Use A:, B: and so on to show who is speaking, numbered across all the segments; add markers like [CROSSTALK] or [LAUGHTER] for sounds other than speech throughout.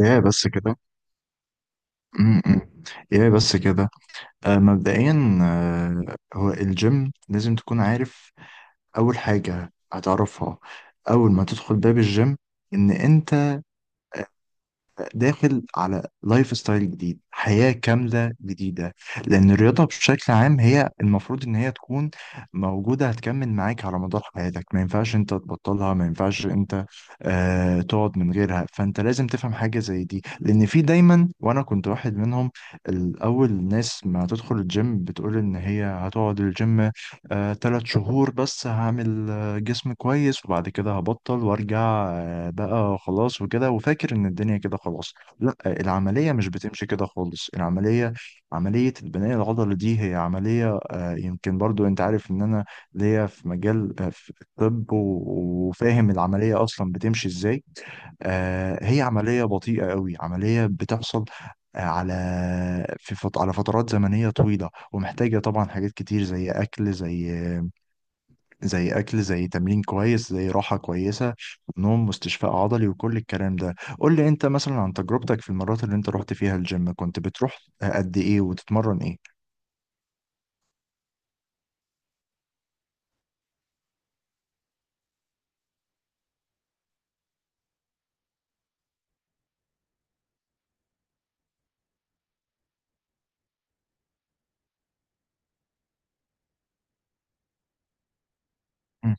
A: يا بس كده م-م. يا بس كده مبدئيا، هو الجيم لازم تكون عارف أول حاجة هتعرفها. أول ما تدخل باب الجيم، إن أنت داخل على لايف ستايل جديد، حياة كاملة جديدة. لأن الرياضة بشكل عام هي المفروض إن هي تكون موجودة، هتكمل معاك على مدار حياتك، ما ينفعش أنت تبطلها، ما ينفعش أنت تقعد من غيرها. فأنت لازم تفهم حاجة زي دي، لأن في دايما، وأنا كنت واحد منهم الأول، الناس ما تدخل الجيم بتقول إن هي هتقعد الجيم 3 شهور بس، هعمل جسم كويس وبعد كده هبطل وارجع، بقى خلاص وكده، وفاكر ان الدنيا كده خلاص. لا، العملية مش بتمشي كده خالص. العملية، عملية البناء العضلي دي هي عملية، يمكن برضو انت عارف ان انا ليا في مجال، في الطب، وفاهم العملية اصلا بتمشي ازاي. هي عملية بطيئة قوي، عملية بتحصل، آه، على على فترات زمنية طويلة، ومحتاجة طبعا حاجات كتير، زي أكل، زي اكل، زي تمرين كويس، زي راحه كويسه، نوم واستشفاء عضلي وكل الكلام ده. قول لي انت مثلا عن تجربتك في المرات اللي انت رحت فيها الجيم، كنت بتروح قد ايه وتتمرن ايه؟ مم.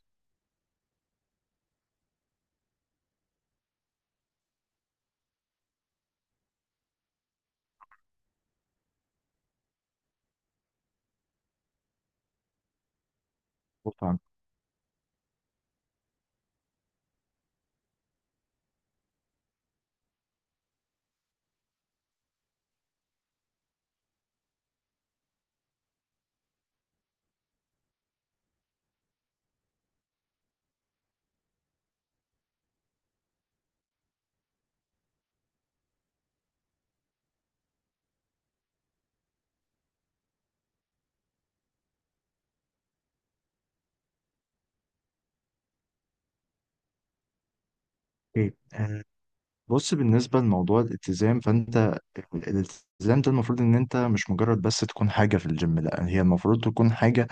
A: بص يا عم. اوكي. بص، بالنسبة لموضوع الالتزام، فأنت الالتزام ده المفروض إن أنت مش مجرد بس تكون حاجة في الجيم، لأ هي المفروض تكون حاجة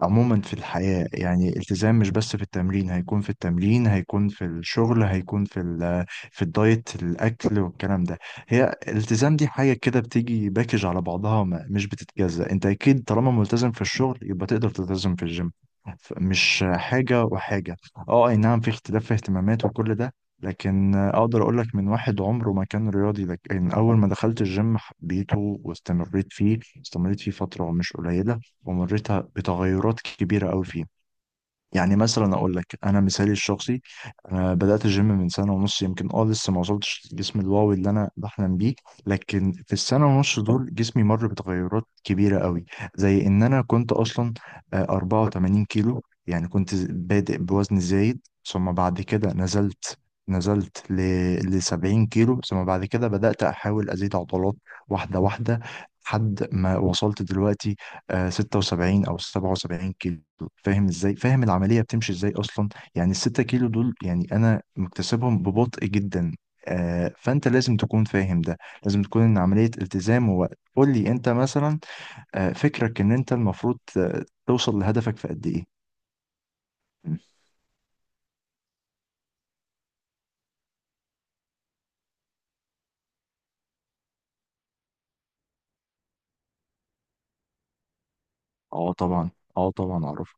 A: عموما في الحياة. يعني التزام مش بس في التمرين، هيكون في التمرين، هيكون في الشغل، هيكون في الدايت، الأكل والكلام ده. هي الالتزام دي حاجة كده بتيجي باكج على بعضها، مش بتتجزأ. أنت أكيد طالما ملتزم في الشغل يبقى تقدر تلتزم في الجيم. مش حاجة وحاجة. اه اي نعم، في اختلاف في اهتمامات وكل ده، لكن اقدر اقول لك من واحد عمره ما كان رياضي، لكن اول ما دخلت الجيم حبيته واستمريت فيه. استمريت فيه فترة مش قليلة، ومريت بتغيرات كبيرة قوي فيه. يعني مثلا اقول لك انا مثالي الشخصي، انا بدات الجيم من سنه ونص يمكن، اه لسه ما وصلتش للجسم الواو اللي انا بحلم بيه، لكن في السنه ونص دول جسمي مر بتغيرات كبيره قوي. زي ان انا كنت اصلا 84 كيلو، يعني كنت بادئ بوزن زايد، ثم بعد كده نزلت ل 70 كيلو، ثم بعد كده بدأت أحاول أزيد عضلات واحدة واحدة لحد ما وصلت دلوقتي 76 او 77 كيلو. فاهم ازاي فاهم العمليه بتمشي ازاي اصلا؟ يعني ال 6 كيلو دول يعني انا مكتسبهم ببطء جدا. فانت لازم تكون فاهم ده، لازم تكون ان عمليه التزام ووقت. قول لي انت مثلا فكرك ان انت المفروض توصل لهدفك في قد ايه؟ مم. اه طبعا. اه طبعا اعرف.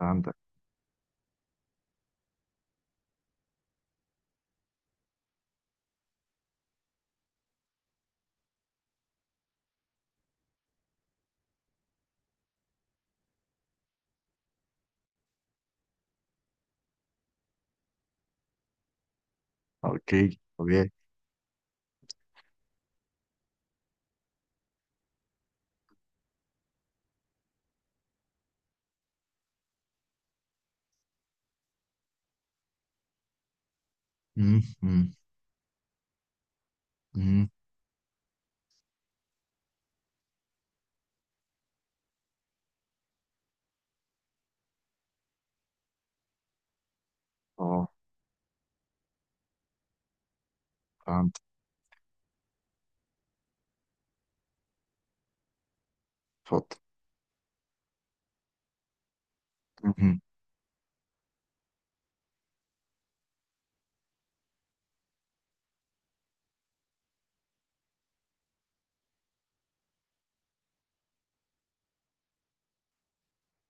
A: عندك. اوكي، طبيعي. مم، مم، مم. اه، فهمت. اتفضل. مهم.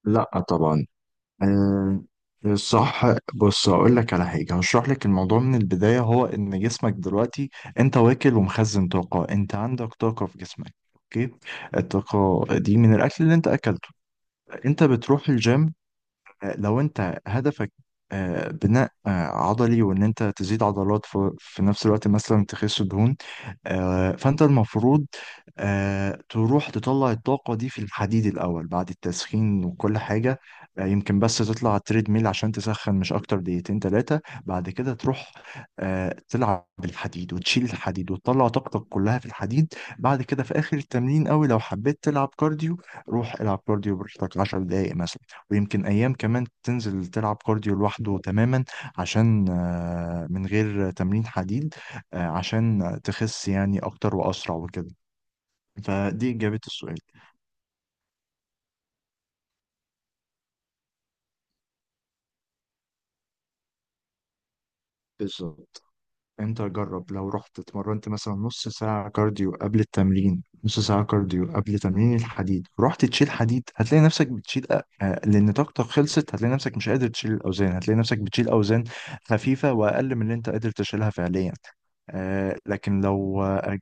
A: لا طبعا. آه، صح. بص هقول لك على حاجه، هشرح لك الموضوع من البدايه. هو ان جسمك دلوقتي، انت واكل ومخزن طاقه، انت عندك طاقه في جسمك، اوكي؟ الطاقه دي من الاكل اللي انت اكلته. انت بتروح الجيم، لو انت هدفك آه، بناء آه، عضلي، وان انت تزيد عضلات في نفس الوقت مثلا تخس دهون، فانت المفروض تروح تطلع الطاقة دي في الحديد الأول بعد التسخين وكل حاجة. يمكن بس تطلع على التريد ميل عشان تسخن، مش أكتر دقيقتين تلاتة. بعد كده تروح تلعب بالحديد وتشيل الحديد وتطلع طاقتك كلها في الحديد. بعد كده في آخر التمرين أوي، لو حبيت تلعب كارديو روح العب كارديو براحتك 10 دقايق مثلا. ويمكن أيام كمان تنزل تلعب كارديو لوحده تماما، عشان من غير تمرين حديد، عشان تخس يعني أكتر وأسرع وكده. فدي إجابة السؤال. بالظبط. أنت جرب لو رحت اتمرنت مثلا نص ساعة كارديو قبل التمرين، نص ساعة كارديو قبل تمرين الحديد، رحت تشيل حديد، هتلاقي نفسك بتشيل لأن طاقتك خلصت، هتلاقي نفسك مش قادر تشيل الأوزان، هتلاقي نفسك بتشيل أوزان خفيفة وأقل من اللي أنت قادر تشيلها فعليا. لكن لو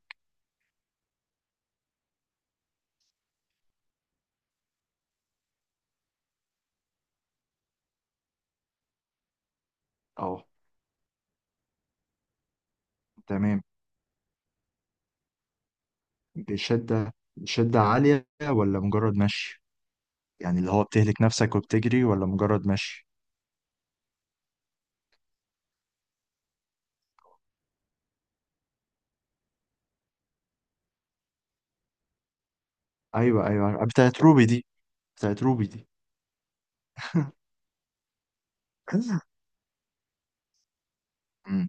A: آه، تمام. بشدة؟ شدة عالية ولا مجرد مشي؟ يعني اللي هو بتهلك نفسك وبتجري ولا مجرد مشي؟ ايوه ايوه، بتاعت روبي دي. بتاعت روبي دي. مم.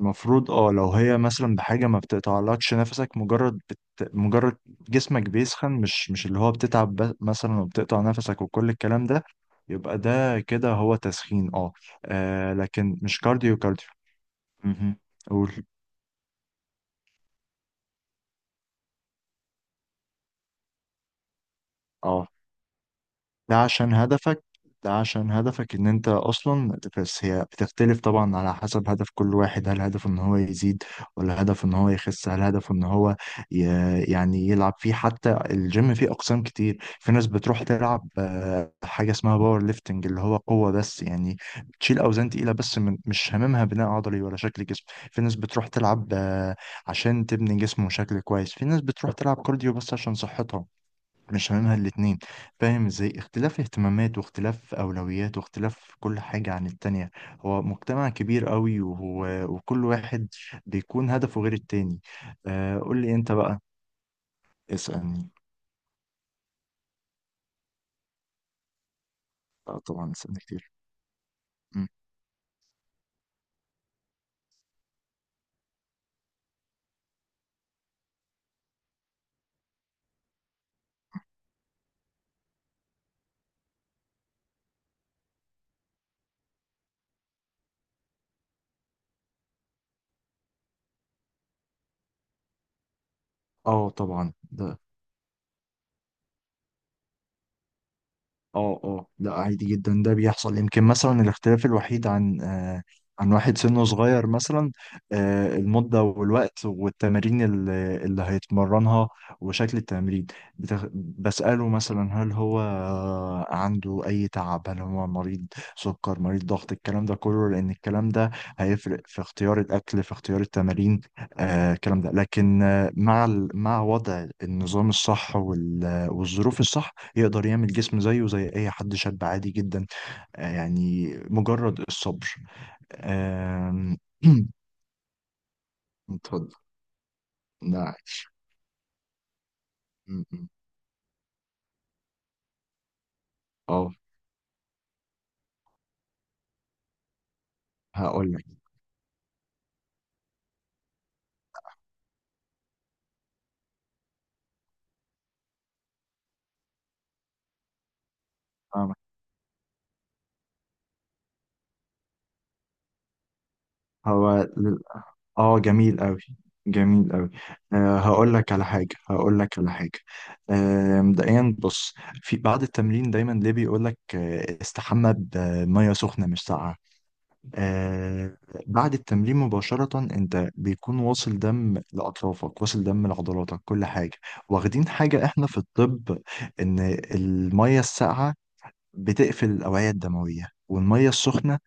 A: المفروض اه لو هي مثلا بحاجة ما بتقطعلكش نفسك، مجرد مجرد جسمك بيسخن، مش اللي هو بتتعب مثلا وبتقطع نفسك وكل الكلام ده، يبقى ده كده هو تسخين. اه. لكن مش كارديو كارديو. مهم. قول. اه، ده عشان هدفك ده عشان هدفك ان انت اصلا. بس هي بتختلف طبعا على حسب هدف كل واحد، هل هدفه ان هو يزيد ولا هدفه ان هو يخس؟ هل هدفه ان هو ي... يعني يلعب فيه؟ حتى الجيم فيه اقسام كتير. في ناس بتروح تلعب حاجة اسمها باور ليفتنج، اللي هو قوة بس، يعني بتشيل اوزان تقيلة بس، مش هاممها بناء عضلي ولا شكل جسم. في ناس بتروح تلعب عشان تبني جسم وشكل كويس، في ناس بتروح تلعب كارديو بس عشان صحتها، مش هاممها الاتنين. فاهم ازاي اختلاف اهتمامات واختلاف اولويات واختلاف كل حاجة عن التانية؟ هو مجتمع كبير قوي، وهو وكل واحد بيكون هدفه غير التاني. قول لي انت بقى، اسألني. آه طبعا، اسألني كتير. مم. اه طبعا. ده. اه اه، لا عادي جدا، ده بيحصل. يمكن مثلا الاختلاف الوحيد عن عن واحد سنه صغير مثلا، المدة والوقت والتمارين اللي هيتمرنها وشكل التمرين. بسأله مثلا هل هو عنده أي تعب، هل هو مريض سكر، مريض ضغط، الكلام ده كله، لأن الكلام ده هيفرق في اختيار الأكل، في اختيار التمارين، الكلام ده، لكن مع مع وضع النظام الصح، والظروف الصح، يقدر يعمل جسم زيه زي اي حد شاب عادي جدا. يعني مجرد الصبر. آم، [CLEARS THROAT] اتفضل. ده عايش. م- م. اه هقول لك. فاهمك. هو لل- اه، جميل قوي، جميل قوي. هقول لك على حاجه، مبدئيا، بص. في بعد التمرين دايما ليه بيقول لك استحمى بميه سخنه مش ساقعه. آه بعد التمرين مباشرة انت بيكون واصل دم لأطرافك، واصل دم لعضلاتك، كل حاجة. واخدين حاجة احنا في الطب، ان المية الساقعة بتقفل الأوعية الدموية، والمية السخنة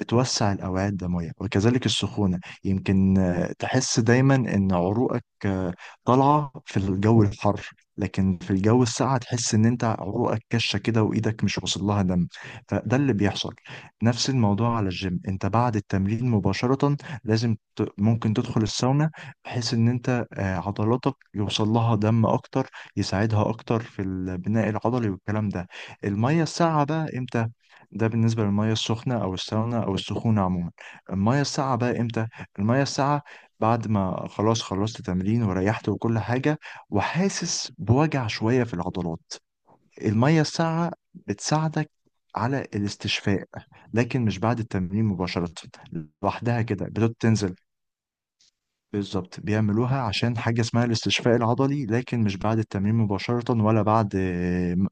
A: بتوسع الأوعية الدموية. وكذلك السخونة، يمكن تحس دايما إن عروقك طالعة في الجو الحر، لكن في الجو الساقع تحس إن أنت عروقك كشة كده وإيدك مش واصل لها دم. فده اللي بيحصل. نفس الموضوع على الجيم، أنت بعد التمرين مباشرة لازم ممكن تدخل الساونا، بحيث إن أنت عضلاتك يوصل لها دم أكتر، يساعدها أكتر في البناء العضلي والكلام ده. المية الساقعة بقى إمتى؟ ده بالنسبة للمية السخنة أو الساونا أو السخونة عموما. المية الساقعة بقى إمتى؟ المية الساقعة، بعد ما خلاص خلصت تمرين وريحت وكل حاجة وحاسس بوجع شوية في العضلات، المية الساقعة بتساعدك على الاستشفاء، لكن مش بعد التمرين مباشرة. لوحدها كده بتنزل. بالظبط، بيعملوها عشان حاجة اسمها الاستشفاء العضلي، لكن مش بعد التمرين مباشرة،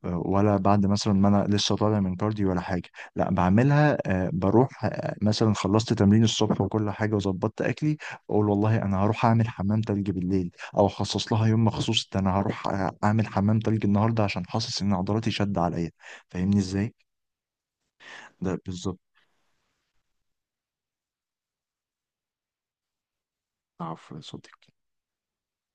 A: ولا بعد مثلا ما أنا لسه طالع من كارديو ولا حاجة. لا، بعملها، بروح مثلا خلصت تمرين الصبح وكل حاجة وظبطت أكلي، بقول والله أنا هروح أعمل حمام تلج بالليل. أو أخصص لها يوم مخصوص، ده أنا هروح أعمل حمام تلج النهاردة عشان حاسس إن عضلاتي شد عليا. فاهمني إزاي؟ ده بالظبط. عفوا يا صديقي.